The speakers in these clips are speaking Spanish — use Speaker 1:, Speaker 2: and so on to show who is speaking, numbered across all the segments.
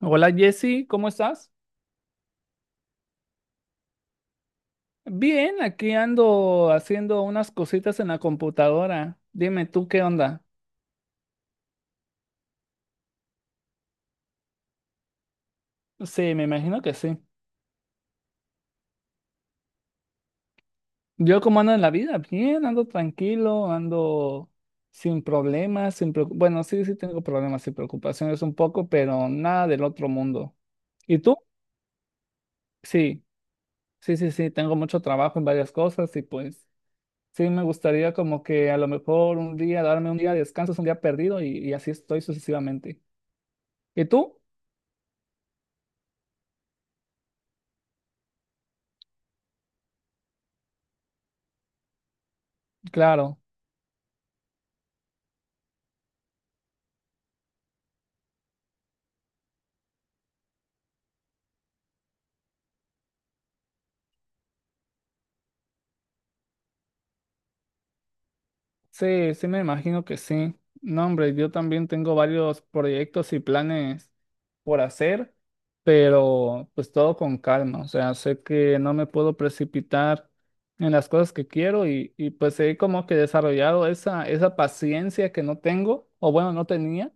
Speaker 1: Hola Jesse, ¿cómo estás? Bien, aquí ando haciendo unas cositas en la computadora. Dime tú qué onda. Sí, me imagino que sí. Yo cómo ando en la vida, bien, ando tranquilo, ando sin problemas, sin preocu- bueno, sí, sí tengo problemas y preocupaciones un poco, pero nada del otro mundo. ¿Y tú? Sí, sí, sí, sí, tengo mucho trabajo en varias cosas y pues sí me gustaría como que a lo mejor un día darme un día de descanso, es un día perdido y así estoy sucesivamente. ¿Y tú? Claro, sí, sí me imagino que sí. No, hombre, yo también tengo varios proyectos y planes por hacer, pero pues todo con calma. O sea, sé que no me puedo precipitar en las cosas que quiero y pues he como que desarrollado esa paciencia que no tengo, o bueno, no tenía,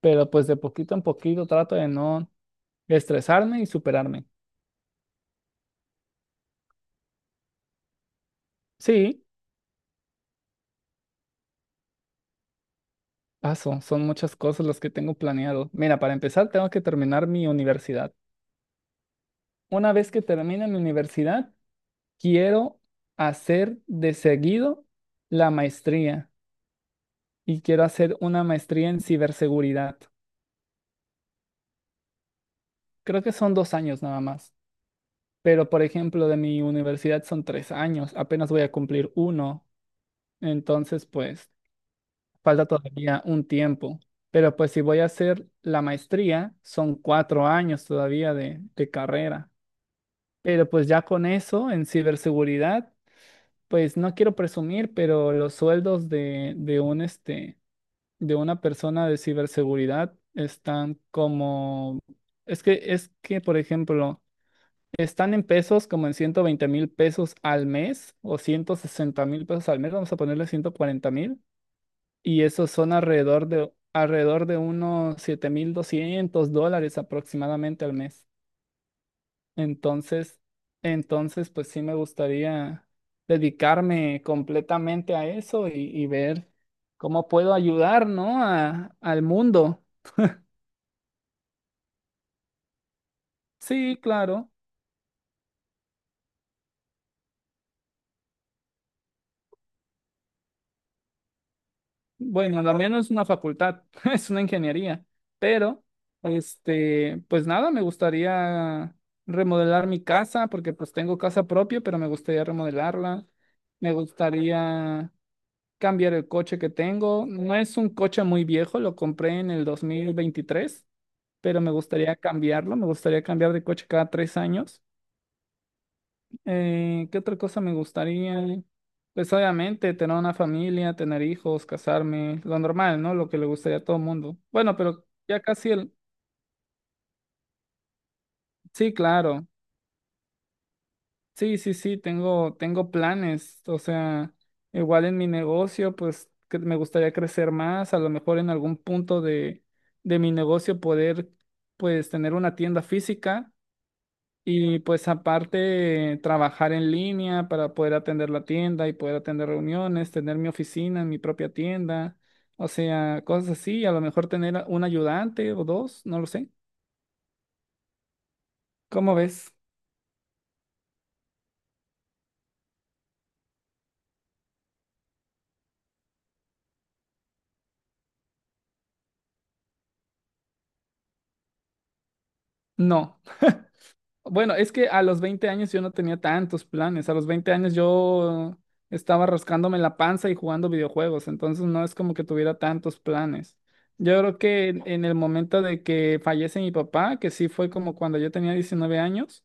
Speaker 1: pero pues de poquito en poquito trato de no estresarme y superarme. Sí, paso, son muchas cosas las que tengo planeado. Mira, para empezar tengo que terminar mi universidad. Una vez que termine mi universidad, quiero hacer de seguido la maestría y quiero hacer una maestría en ciberseguridad. Creo que son 2 años nada más, pero por ejemplo de mi universidad son 3 años, apenas voy a cumplir uno, entonces pues falta todavía un tiempo. Pero pues si voy a hacer la maestría, son 4 años todavía de carrera. Pero pues ya con eso en ciberseguridad. Pues no quiero presumir, pero los sueldos de de una persona de ciberseguridad están como, por ejemplo, están en pesos como en 120,000 pesos al mes o 160,000 pesos al mes, vamos a ponerle 140,000, y esos son alrededor de unos 7,200 dólares aproximadamente al mes. Entonces, entonces, pues sí me gustaría dedicarme completamente a eso y ver cómo puedo ayudar, ¿no? A, al mundo. Sí, claro. Bueno, también no es una facultad, es una ingeniería, pero, pues nada, me gustaría remodelar mi casa, porque pues tengo casa propia, pero me gustaría remodelarla. Me gustaría cambiar el coche que tengo. No es un coche muy viejo, lo compré en el 2023 pero me gustaría cambiarlo, me gustaría cambiar de coche cada 3 años. ¿Qué otra cosa me gustaría? Pues obviamente tener una familia, tener hijos, casarme, lo normal, ¿no? Lo que le gustaría a todo el mundo. Bueno, pero ya casi el... Sí, claro. Sí, sí, sí, tengo planes, o sea, igual en mi negocio, pues que me gustaría crecer más, a lo mejor en algún punto de mi negocio poder, pues, tener una tienda física y pues aparte trabajar en línea para poder atender la tienda y poder atender reuniones, tener mi oficina en mi propia tienda, o sea, cosas así, a lo mejor tener un ayudante o dos, no lo sé. ¿Cómo ves? No. Bueno, es que a los 20 años yo no tenía tantos planes. A los 20 años yo estaba rascándome la panza y jugando videojuegos, entonces no es como que tuviera tantos planes. Yo creo que en el momento de que fallece mi papá, que sí fue como cuando yo tenía 19 años,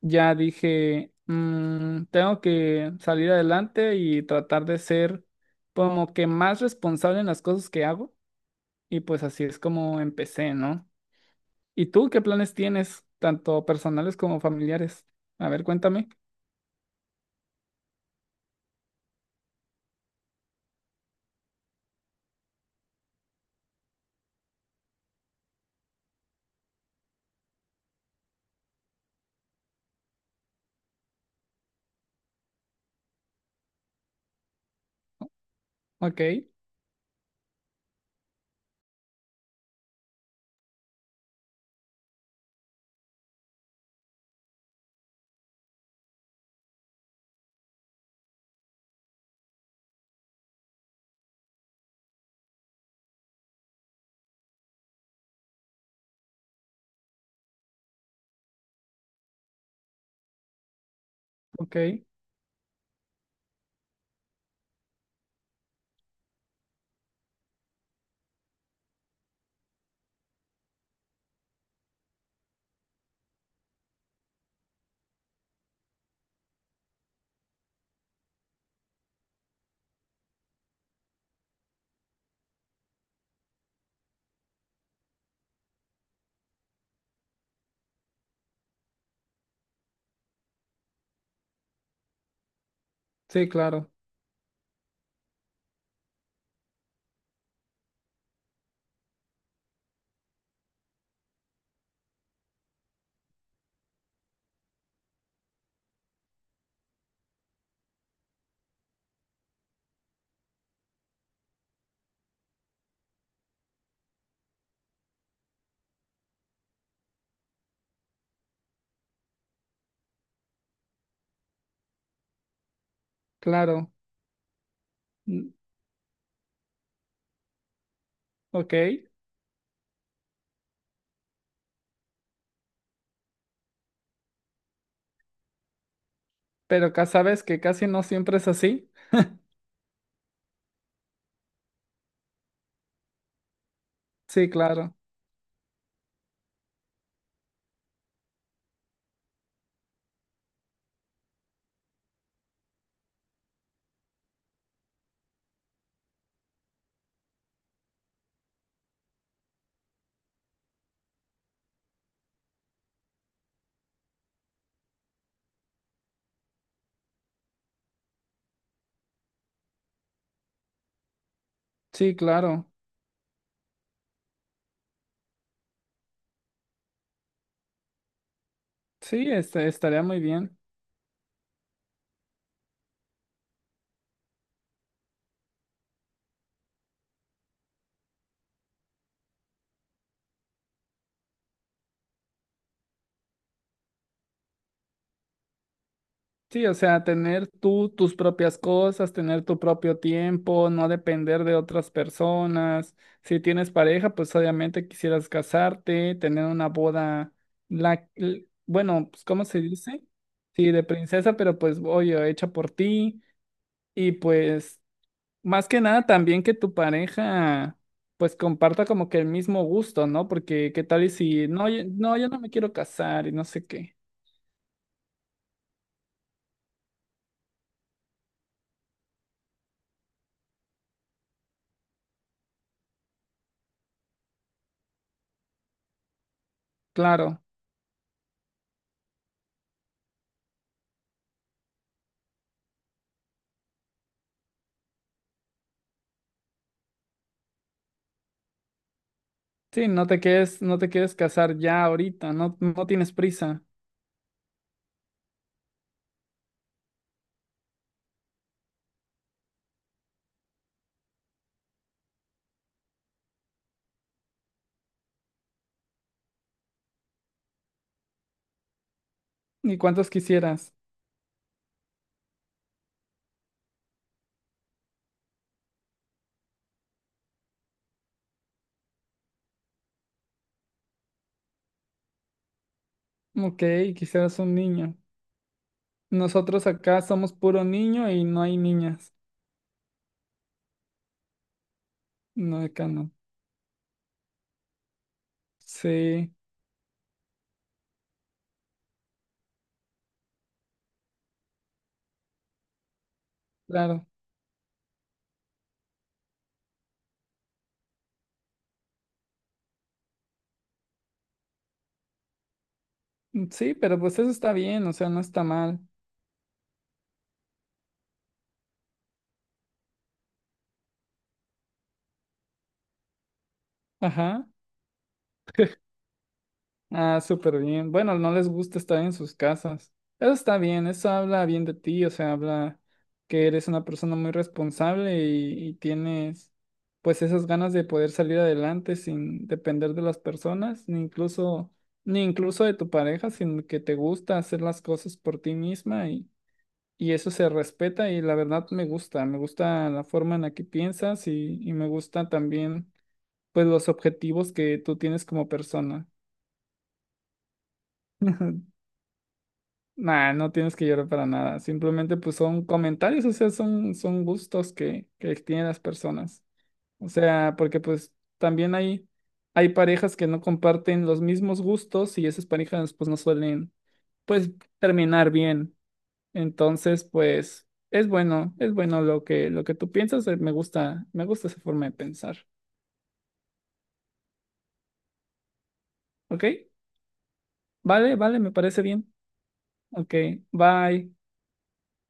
Speaker 1: ya dije, " tengo que salir adelante y tratar de ser como que más responsable en las cosas que hago. Y pues así es como empecé, ¿no? ¿Y tú qué planes tienes, tanto personales como familiares? A ver, cuéntame. Ok, ok. Sí, claro, claro. Mm, ok, pero sabes que casi no siempre es así. Sí, claro, sí, claro. Sí, estaría muy bien. Sí, o sea, tener tú tus propias cosas, tener tu propio tiempo, no depender de otras personas. Si tienes pareja, pues obviamente quisieras casarte, tener una boda, bueno, pues ¿cómo se dice? Sí, de princesa, pero pues oye, hecha por ti. Y pues, más que nada, también que tu pareja, pues comparta como que el mismo gusto, ¿no? Porque qué tal y si, no, no, yo no me quiero casar y no sé qué. Claro. Sí, no te quedes, no te quieres casar ya ahorita, no, no tienes prisa. ¿Ni cuántos quisieras? Ok, quisieras un niño. Nosotros acá somos puro niño y no hay niñas. No, acá no. Sí, claro. Sí, pero pues eso está bien, o sea, no está mal. Ajá. Ah, súper bien. Bueno, no les gusta estar en sus casas. Eso está bien, eso habla bien de ti, o sea, habla que eres una persona muy responsable y tienes pues esas ganas de poder salir adelante sin depender de las personas, ni incluso, ni incluso de tu pareja, sino que te gusta hacer las cosas por ti misma y eso se respeta y la verdad me gusta la forma en la que piensas y me gusta también pues los objetivos que tú tienes como persona. Nah, no tienes que llorar para nada. Simplemente pues son comentarios, o sea, son gustos que tienen las personas. O sea, porque pues también hay parejas que no comparten los mismos gustos y esas parejas pues no suelen pues terminar bien. Entonces, pues es bueno lo que tú piensas. Me gusta esa forma de pensar. ¿Ok? Vale, vale, me parece bien. Ok, bye.